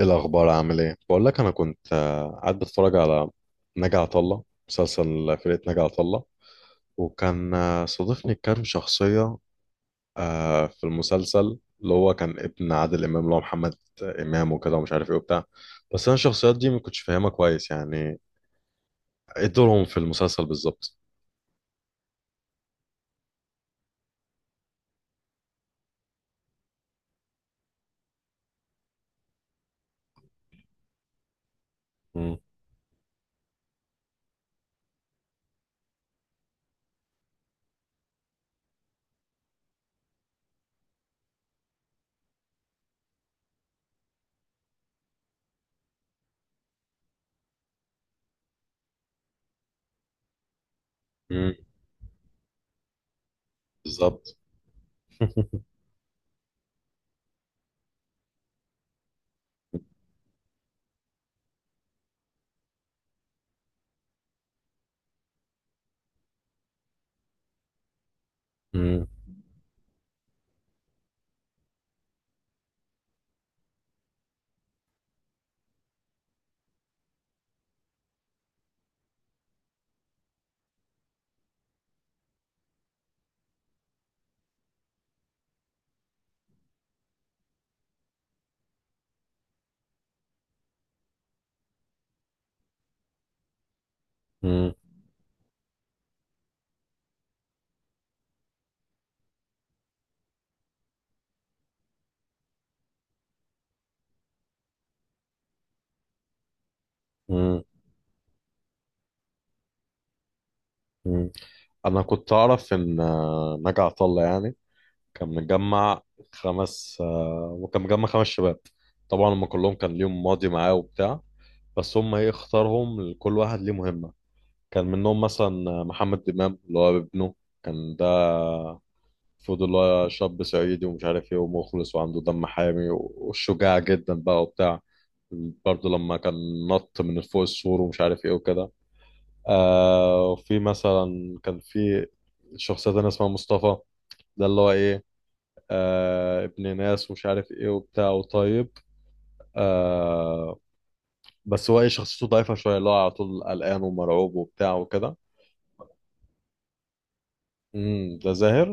ايه الاخبار، عامل ايه؟ بقول لك، انا كنت قاعد بتفرج على ناجي عطا الله، مسلسل فرقه ناجي عطا الله. وكان صادفني كام شخصيه في المسلسل، اللي هو كان ابن عادل امام اللي هو محمد امام وكده ومش عارف ايه وبتاع. بس انا الشخصيات دي ما كنتش فاهمها كويس، يعني ايه دورهم في المسلسل بالظبط؟ مم. مم. بالظبط. مم. مم. مم. مم. انا كنت اعرف ان ناجي عطا الله يعني كان مجمع خمس آه، وكان مجمع خمس شباب. طبعا هم كلهم كان ليهم ماضي معاه وبتاع، بس هم ايه اختارهم، كل واحد ليه مهمة. كان منهم مثلا محمد إمام اللي هو ابنه. كان ده المفروض اللي هو شاب صعيدي ومش عارف ايه ومخلص وعنده دم حامي وشجاع جدا بقى وبتاع. برضه لما كان نط من فوق السور ومش عارف ايه وكده. وفي مثلا كان في شخصية تانية اسمها مصطفى، ده اللي هو ايه، ابن ناس ومش عارف ايه وبتاع وطيب. آه بس هو ايه، شخصيته ضعيفة شوية، اللي هو على طول قلقان ومرعوب وبتاع وكده. ده زاهر.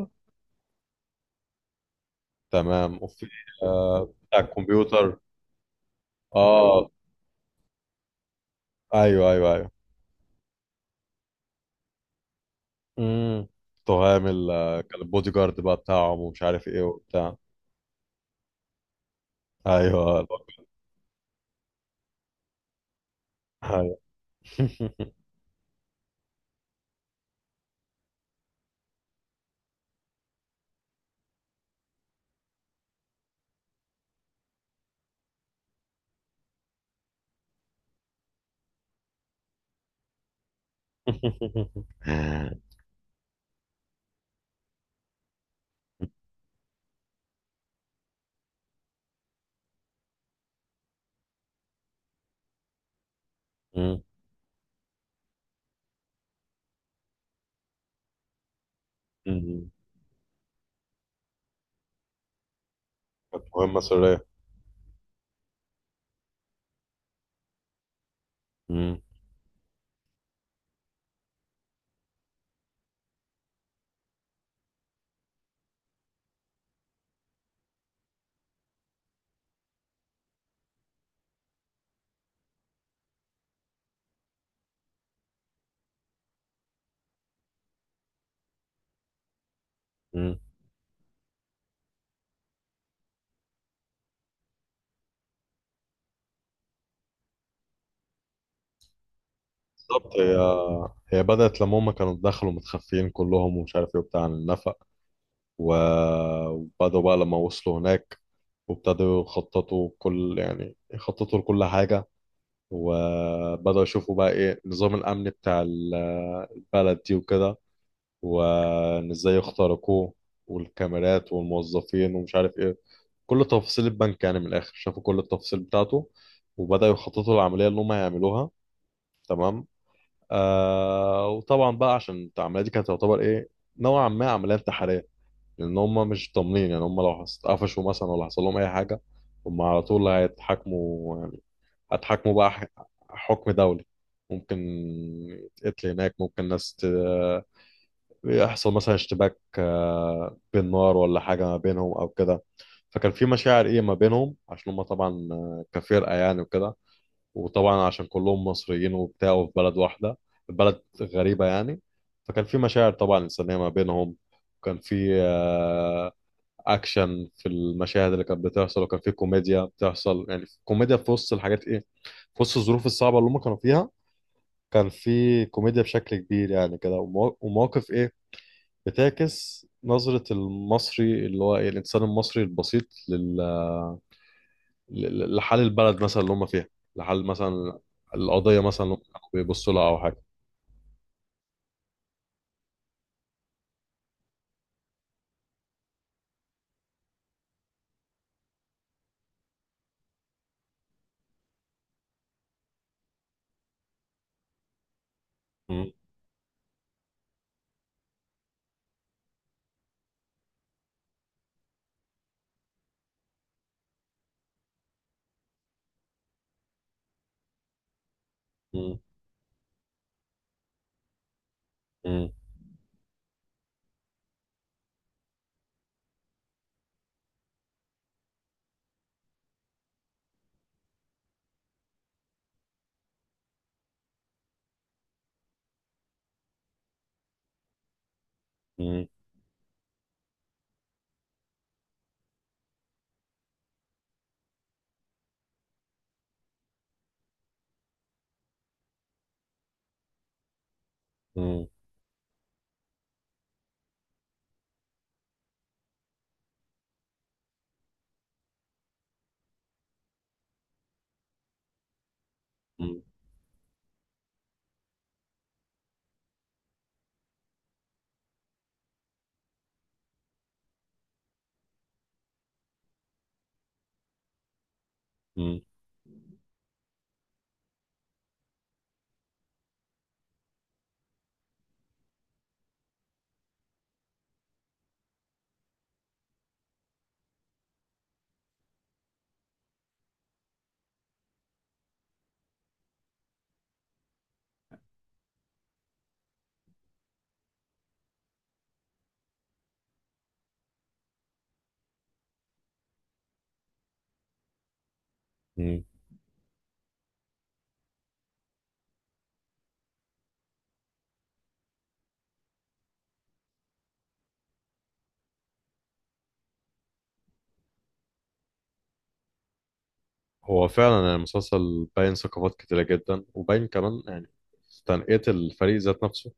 تمام. وفي بتاع الكمبيوتر. اه، ايوه ايوه ايوه. امم تهام ال- آه، كان البودي جارد بقى بتاعهم ومش عارف ايه وبتاع. ايوه ايوه. أمم، أمم. كانت مهمة سرية. أمم، أمم. بالظبط. هي بدأت لما هم كانوا دخلوا متخفيين كلهم ومش عارف ايه وبتاع عن النفق. وبدأوا بقى لما وصلوا هناك، وابتدوا يخططوا كل، يعني يخططوا لكل حاجة، وبدأوا يشوفوا بقى ايه النظام الأمني بتاع البلد دي وكده، وإن ازاي يخترقوه، والكاميرات والموظفين ومش عارف ايه. كل تفاصيل البنك، يعني من الآخر شافوا كل التفاصيل بتاعته، وبدأوا يخططوا العملية اللي هم هيعملوها. تمام. وطبعا بقى، عشان العمليه دي كانت تعتبر ايه، نوعا ما عمليه انتحاريه، لان هم مش ضامنين يعني. هم لو اتقفشوا مثلا ولا حصل لهم اي حاجه، هم على طول هيتحاكموا يعني، هيتحاكموا بقى حكم دولي. ممكن يتقتل هناك، ممكن يحصل مثلا اشتباك بالنار ولا حاجه ما بينهم او كده. فكان في مشاعر ايه ما بينهم، عشان هم طبعا كفرقه يعني وكده، وطبعا عشان كلهم مصريين وبتاع وفي بلد واحدة، بلد غريبة يعني. فكان في مشاعر طبعا إنسانية ما بينهم، وكان في أكشن في المشاهد اللي كانت بتحصل، وكان في كوميديا بتحصل، يعني كوميديا في وسط الحاجات إيه، في وسط الظروف الصعبة اللي هم كانوا فيها. كان في كوميديا بشكل كبير يعني كده، ومواقف إيه بتعكس نظرة المصري، اللي هو إيه، الإنسان المصري البسيط، لحال البلد مثلا اللي هم فيها، لحال مثلا القضية مثلا اللي هم كانوا بيبصوا لها أو حاجة. مم. مم. مم. مم. مم. مم. مم. مم. هو فعلا يعني المسلسل باين ثقافات كتيرة جدا، وباين كمان يعني تنقية الفريق ذات نفسه.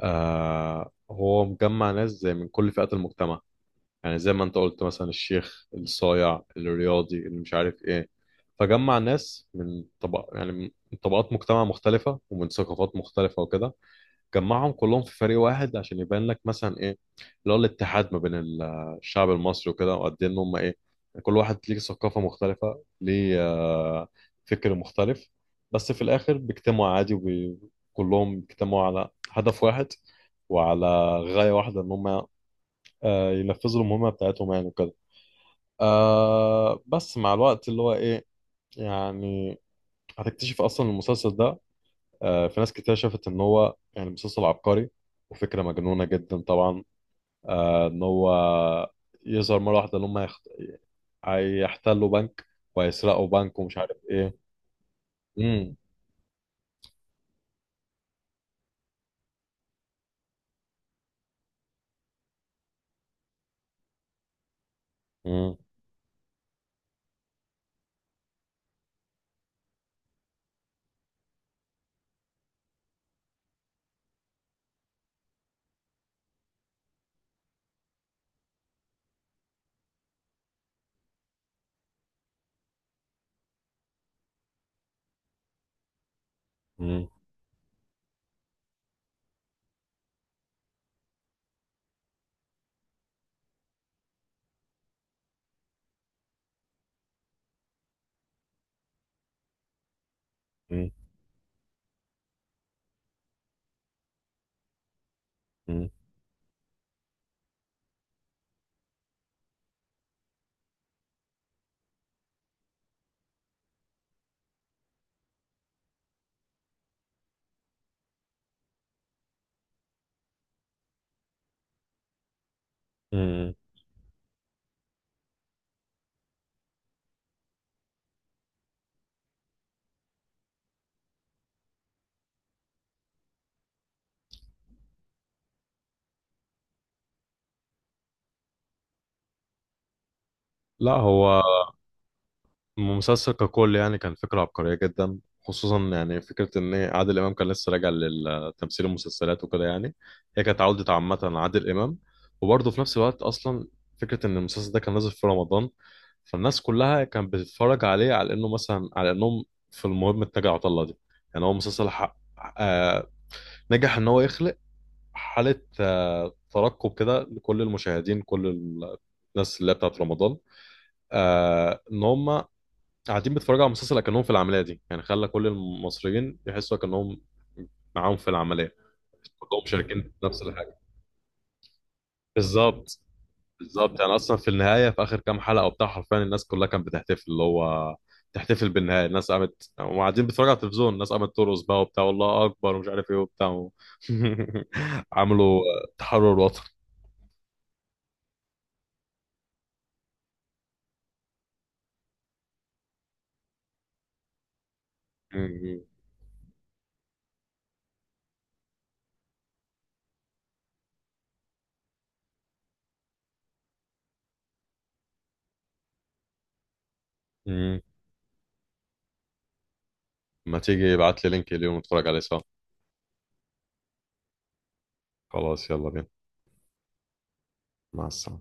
هو مجمع ناس زي من كل فئات المجتمع، يعني زي ما انت قلت مثلا الشيخ، الصايع، الرياضي اللي مش عارف ايه. فجمع ناس من طبق، يعني من طبقات مجتمع مختلفة ومن ثقافات مختلفة وكده. جمعهم كلهم في فريق واحد عشان يبان لك مثلا ايه، اللي هو الاتحاد ما بين الشعب المصري وكده، وقد ايه ان هم ايه، كل واحد ليه ثقافة مختلفة، ليه فكر مختلف. بس في الاخر بيجتمعوا عادي، وكلهم بيجتمعوا على هدف واحد وعلى غاية واحدة، ان هم ينفذوا المهمة بتاعتهم يعني وكده. بس مع الوقت اللي هو ايه، يعني هتكتشف اصلا المسلسل ده في ناس كتير شافت ان هو يعني مسلسل عبقري وفكره مجنونه جدا طبعا. ان هو يظهر مره واحده ان هم هيحتلوا بنك، وهيسرقوا بنك ومش عارف ايه. مم. مم. مم. مم. مم. مم. لا، هو المسلسل ككل يعني كان فكرة عبقرية جدا. خصوصا يعني فكرة إن عادل إمام كان لسه راجع لتمثيل المسلسلات وكده يعني. هي كانت عودة عامة، عادل إمام، وبرضه في نفس الوقت أصلا فكرة إن المسلسل ده كان نازل في رمضان. فالناس كلها كانت بتتفرج عليه على إنه مثلا، على إنهم في المهم اتجه عطلة دي، يعني هو مسلسل حق. آه نجح إن هو يخلق حالة ترقب كده لكل المشاهدين، كل الناس اللي هي بتاعت رمضان. ان هم قاعدين بيتفرجوا على مسلسل اكنهم في العمليه دي يعني. خلى كل المصريين يحسوا اكنهم معاهم في العمليه، كلهم شاركين في نفس الحاجه. بالظبط. بالظبط، يعني اصلا في النهايه، في اخر كام حلقه وبتاع، حرفيا الناس كلها كانت بتحتفل، اللي هو تحتفل بالنهايه. الناس قامت وقاعدين بيتفرجوا على التلفزيون، الناس قامت ترقص بقى وبتاع والله اكبر ومش عارف ايه وبتاع. عملوا تحرر وطني. م- م- م. ما تيجي ابعت لي لينك اليوم نتفرج عليه سوا. خلاص، يلا بينا. مع السلامه.